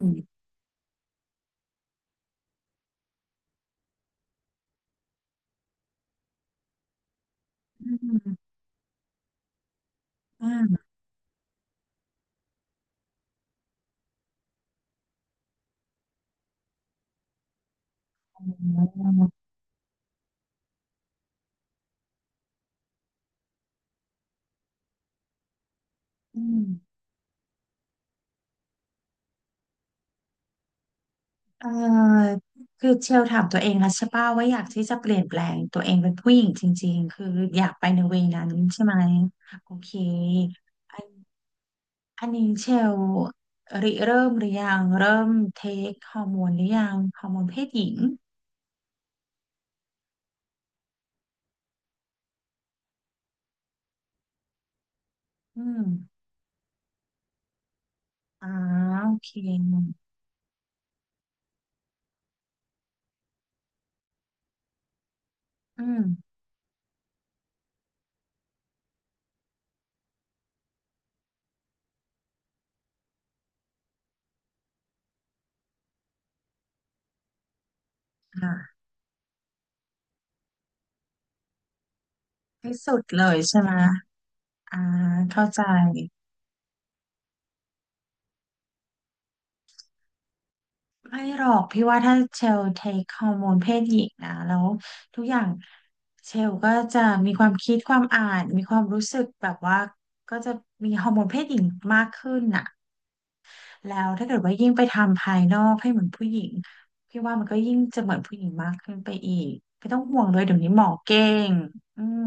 อืมอ่าอ๋ออืมเอ่อคือเชลถามตัวเองแล้วใช่ป่ะว่าอยากที่จะเปลี่ยนแปลงตัวเองเป็นผู้หญิงจริงๆคืออยากไปในเวนั้นใช่ไหมโอเคอันอันนี้เชลริเริ่มหรือยังเริ่มเทคฮอร์โมนหรือยังฮอร์โมนเพศหญิงอืมอ่าโอเคอืมค่ะที่สุดเลยใช่ไหมอ่าเข้าใจ ไม่หรอกพี่ว่าถ้าเชลเทคฮอร์โมนเพศหญิงนะแล้วทุกอย่างเชลก็จะมีความคิดความอ่านมีความรู้สึกแบบว่าก็จะมีฮอร์โมนเพศหญิงมากขึ้นน่ะแล้วถ้าเกิดว่ายิ่งไปทำภายนอกให้เหมือนผู้หญิงพี่ว่ามันก็ยิ่งจะเหมือนผู้หญิงมากขึ้นไปอีกไม่ต้องห่วงเลยเดี๋ยวนี้หมอเก่งอืม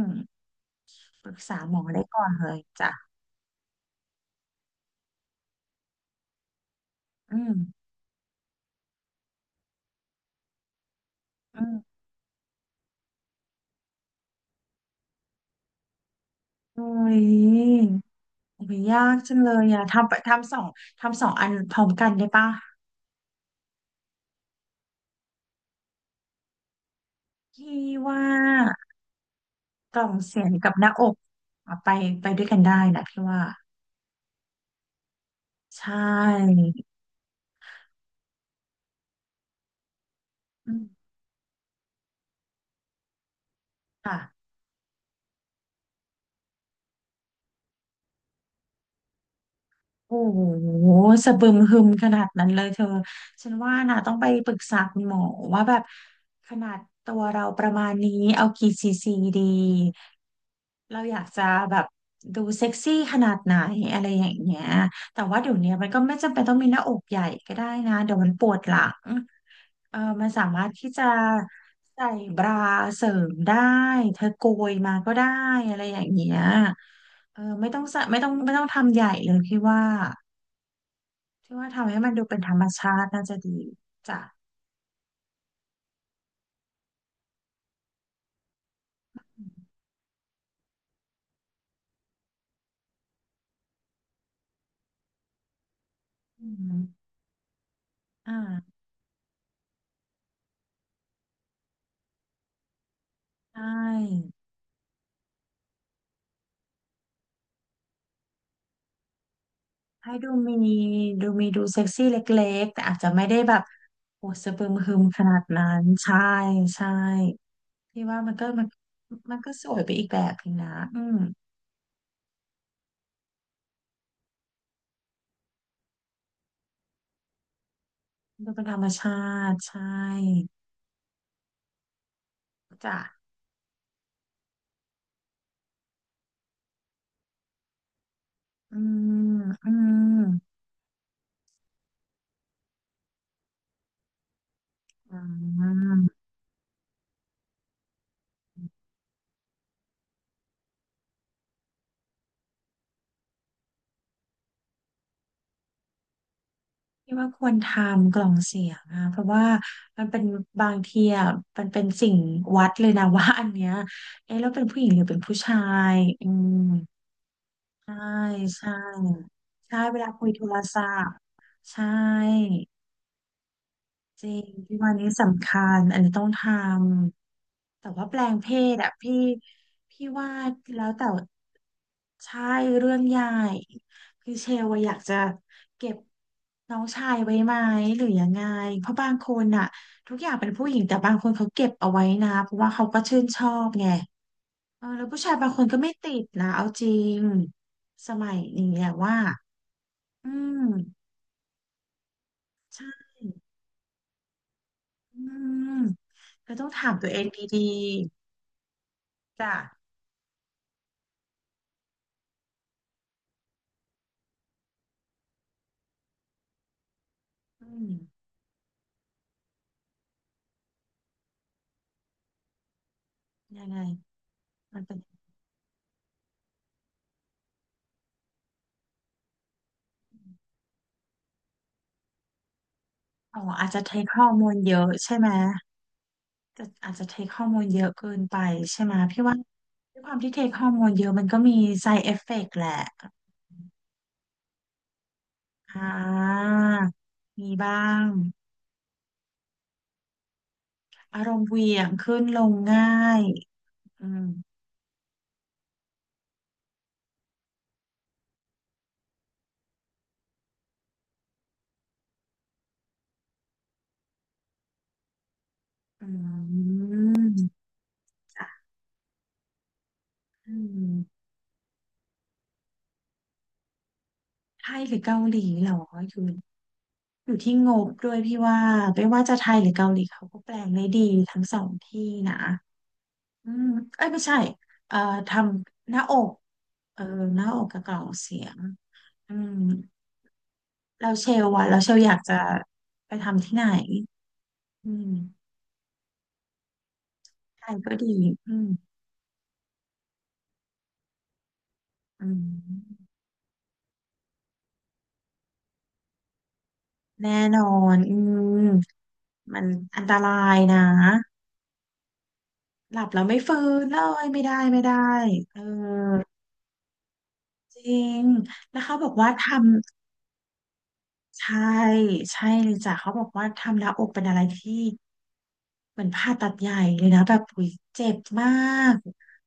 ปรึกษาหมอได้ก่อนเลยจ้ะอืมอืมโอ้ยโอ้ยยากจังเลยอะทำสองอันพร้อมกันได้ปะ พี่ว่ากล่องเสียงกับหน้าอกเอาไปไปด้วยกันได้นะพี่ว่าใช่อืมค่ะโอ้โหสะบึมหึมขนาดนั้นเลยเธอฉันว่านะต้องไปปรึกษาคุณหมอว่าแบบขนาดตัวเราประมาณนี้เอากี่ซีซีดีเราอยากจะแบบดูเซ็กซี่ขนาดไหนอะไรอย่างเงี้ยแต่ว่าเดี๋ยวนี้มันก็ไม่จำเป็นต้องมีหน้าอกใหญ่ก็ได้นะเดี๋ยวมันปวดหลัง เออมันสามารถที่จะใส่บราเสริมได้ เธอโกยมาก็ได้อะไรอย่างเงี้ยเออไม่ต้องใส่ไม่ต้องทำใหญ่เลยพี่ว่าทำให้มันดูเป็นธรรมชาติน่าจะดีจ้ะอืมอ่าใช่ให้ดูมีดูเซ็กซี่เล็กๆแต่อาจจะไม่ได้แบบโอ้สะบึมหึมขนาดนั้นใช่ใช่พี่ว่ามันก็สวยไปอีกแบบนึงนะอืมดูเป็นธรรมชาติใช่ จ้ะอืมอืมอืมที่ว่าควรทำกล่องเสียงอะเพราะว่ามันเป็นบางทีอะมันเป็นสิ่งวัดเลยนะว่าอันเนี้ยเอ๊ะแล้วเป็นผู้หญิงหรือเป็นผู้ชายอืมใช่ใช่ใช่เวลาคุยโทรศัพท์ใช่จริงที่วันนี้สำคัญ อันนี้ต้องทำ แต่ว่าแปลงเพศอะพี่พี่ว่าแล้วแต่ใช่เรื่องใหญ่คือเชลว่าอยากจะเก็บน้องชายไว้ไหมหรือยังไงเพราะบางคนอะทุกอย่างเป็นผู้หญิงแต่บางคนเขาเก็บเอาไว้นะเพราะว่าเขาก็ชื่นชอบไงเออแล้วผู้ชายบางคนก็ไม่ติดนะเอาจริงสมัยนี้อะว่าอืมใช่อืมก็ต้องถามตัวเองดีๆจ้ะอืมยังไงมันเป็น อ๋ออาจจะเทค e อร์มมลเยอะใช่ไหมอาจจะเทค e อร์มมลเยอะเกินไปใช่ไหมพี่ว่าด้วยความที่เทค e อร์มมลเยอะมันก็มี side effect แหละอ่ามีบ้างอารมณ์เหวี่ยงขึ้นลงง่ายอืมอืมจ้ะอืมไทยหรือเกาหลีเหรออยู่อยู่ที่งบด้วยพี่ว่าไม่ว่าจะไทยหรือเกาหลีเขาก็แปลงได้ดีทั้งสองที่นะ อืมเอ้ยไม่ใช่เอ่อทำหน้าอกเออหน้าอกกับกล่องเสียงอืมแล้วเชลอยากจะไปทำที่ไหนอืมไทยก็ดีอืมอืมแน่นอนอืมมันอันตรายนะหลับแล้วไม่ฟื้นเลยไม่ได้เออจริงแล้วเขาบอกว่าทำใช่ใช่เลยจ้ะเขาบอกว่าทำหน้าอกเป็นอะไรที่ เหมือนผ่าตัดใหญ่เลยนะแบบอุ๊ยเจ็บมาก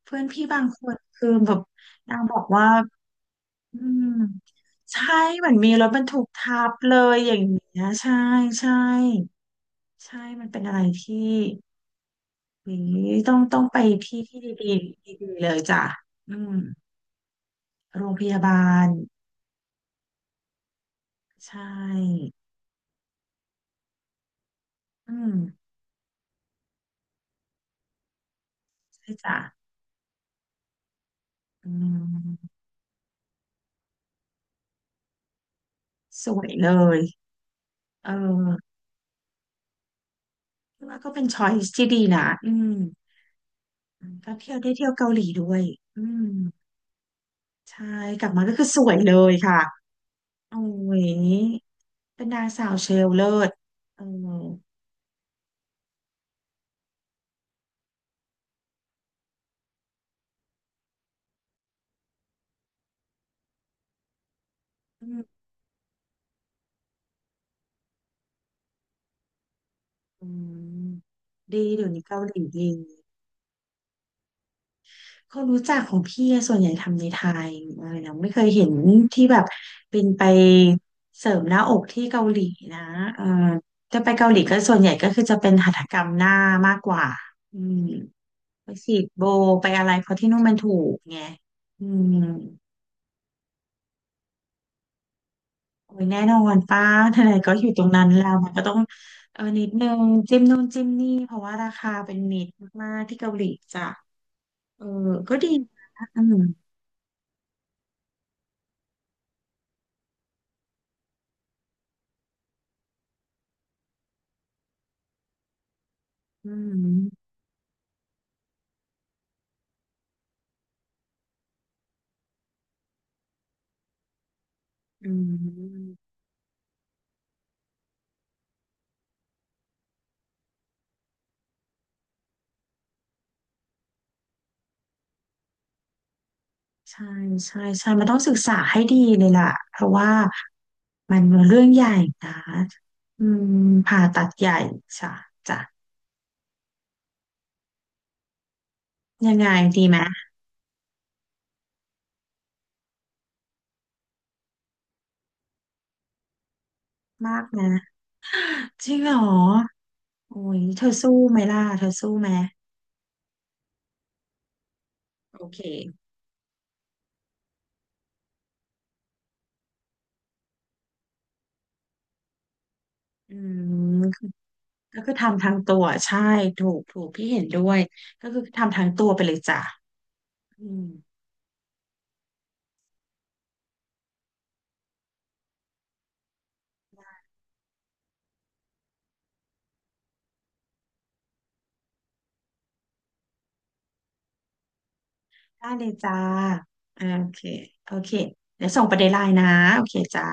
เพื่อนพี่บางคนคือแบบนางบอกว่าอืมใช่เหมือนมีรถบรรทุกทับเลยอย่างเงี้ยใช่ใช่ใช่มันเป็นอะไรที่อุ๊ยต้องไปที่ที่ดีๆดีๆเลยจ้ะอืมโรงพยาบาลใช่อืมใช่จ้ะอืมสวยเลยเออคิดว่าก็เป็นช้อยส์ที่ดีนะอืม อืมก็เที่ยวได้เที่ยวเกาหลีด้วยอืมใช่กลับมาก็คือสวยเลยค่ะโอ้ยเป็นนางสาวเชลเลิศเอออืมอืมดีเดี๋ยวนี้เกาหลีดีคนรู้จักของพี่อะส่วนใหญ่ทำในไทยอะไรนะไม่เคยเห็นที่แบบเป็นไปเสริมหน้าอกที่เกาหลีนะเออจะไปเกาหลีก็ส่วนใหญ่ก็คือจะเป็นหัตถกรรมหน้ามากกว่าอืม ไปฉีดโบไปอะไรเพราะที่นู่นมันถูกไงอืมโอ้ยแน่นอนป้าทนายก็อยู่ตรงนั้นแล้วมันก็ต้องจิ้มนู่นจิ้มนี่เพราะว่าราคาเป็นมิตรมากๆที่เกาหลีจ้ะเออก็ดีนะอืมอืมอืมใช่ใช่ใช่มันต้องศึกษาให้ดีเลยล่ะเพราะว่ามันเรื่องใหญ่นะอืมผ่าตัดใหญ่จ้ะจ้ะยังไงดีไหมมากนะจริงเหรอโอ้ยเธอสู้ไหมล่ะเธอสู้ไหม โอเค อืม ก็คือทำทางตัวใช่ถูกถูกพี่เห็นด้วย ก็คือทำทางตัวไปเลยจ้ะอืมได้เลยจ้า โอเค โอเคเดี๋ยวส่งประเด็นไลน์นะโอเคจ้า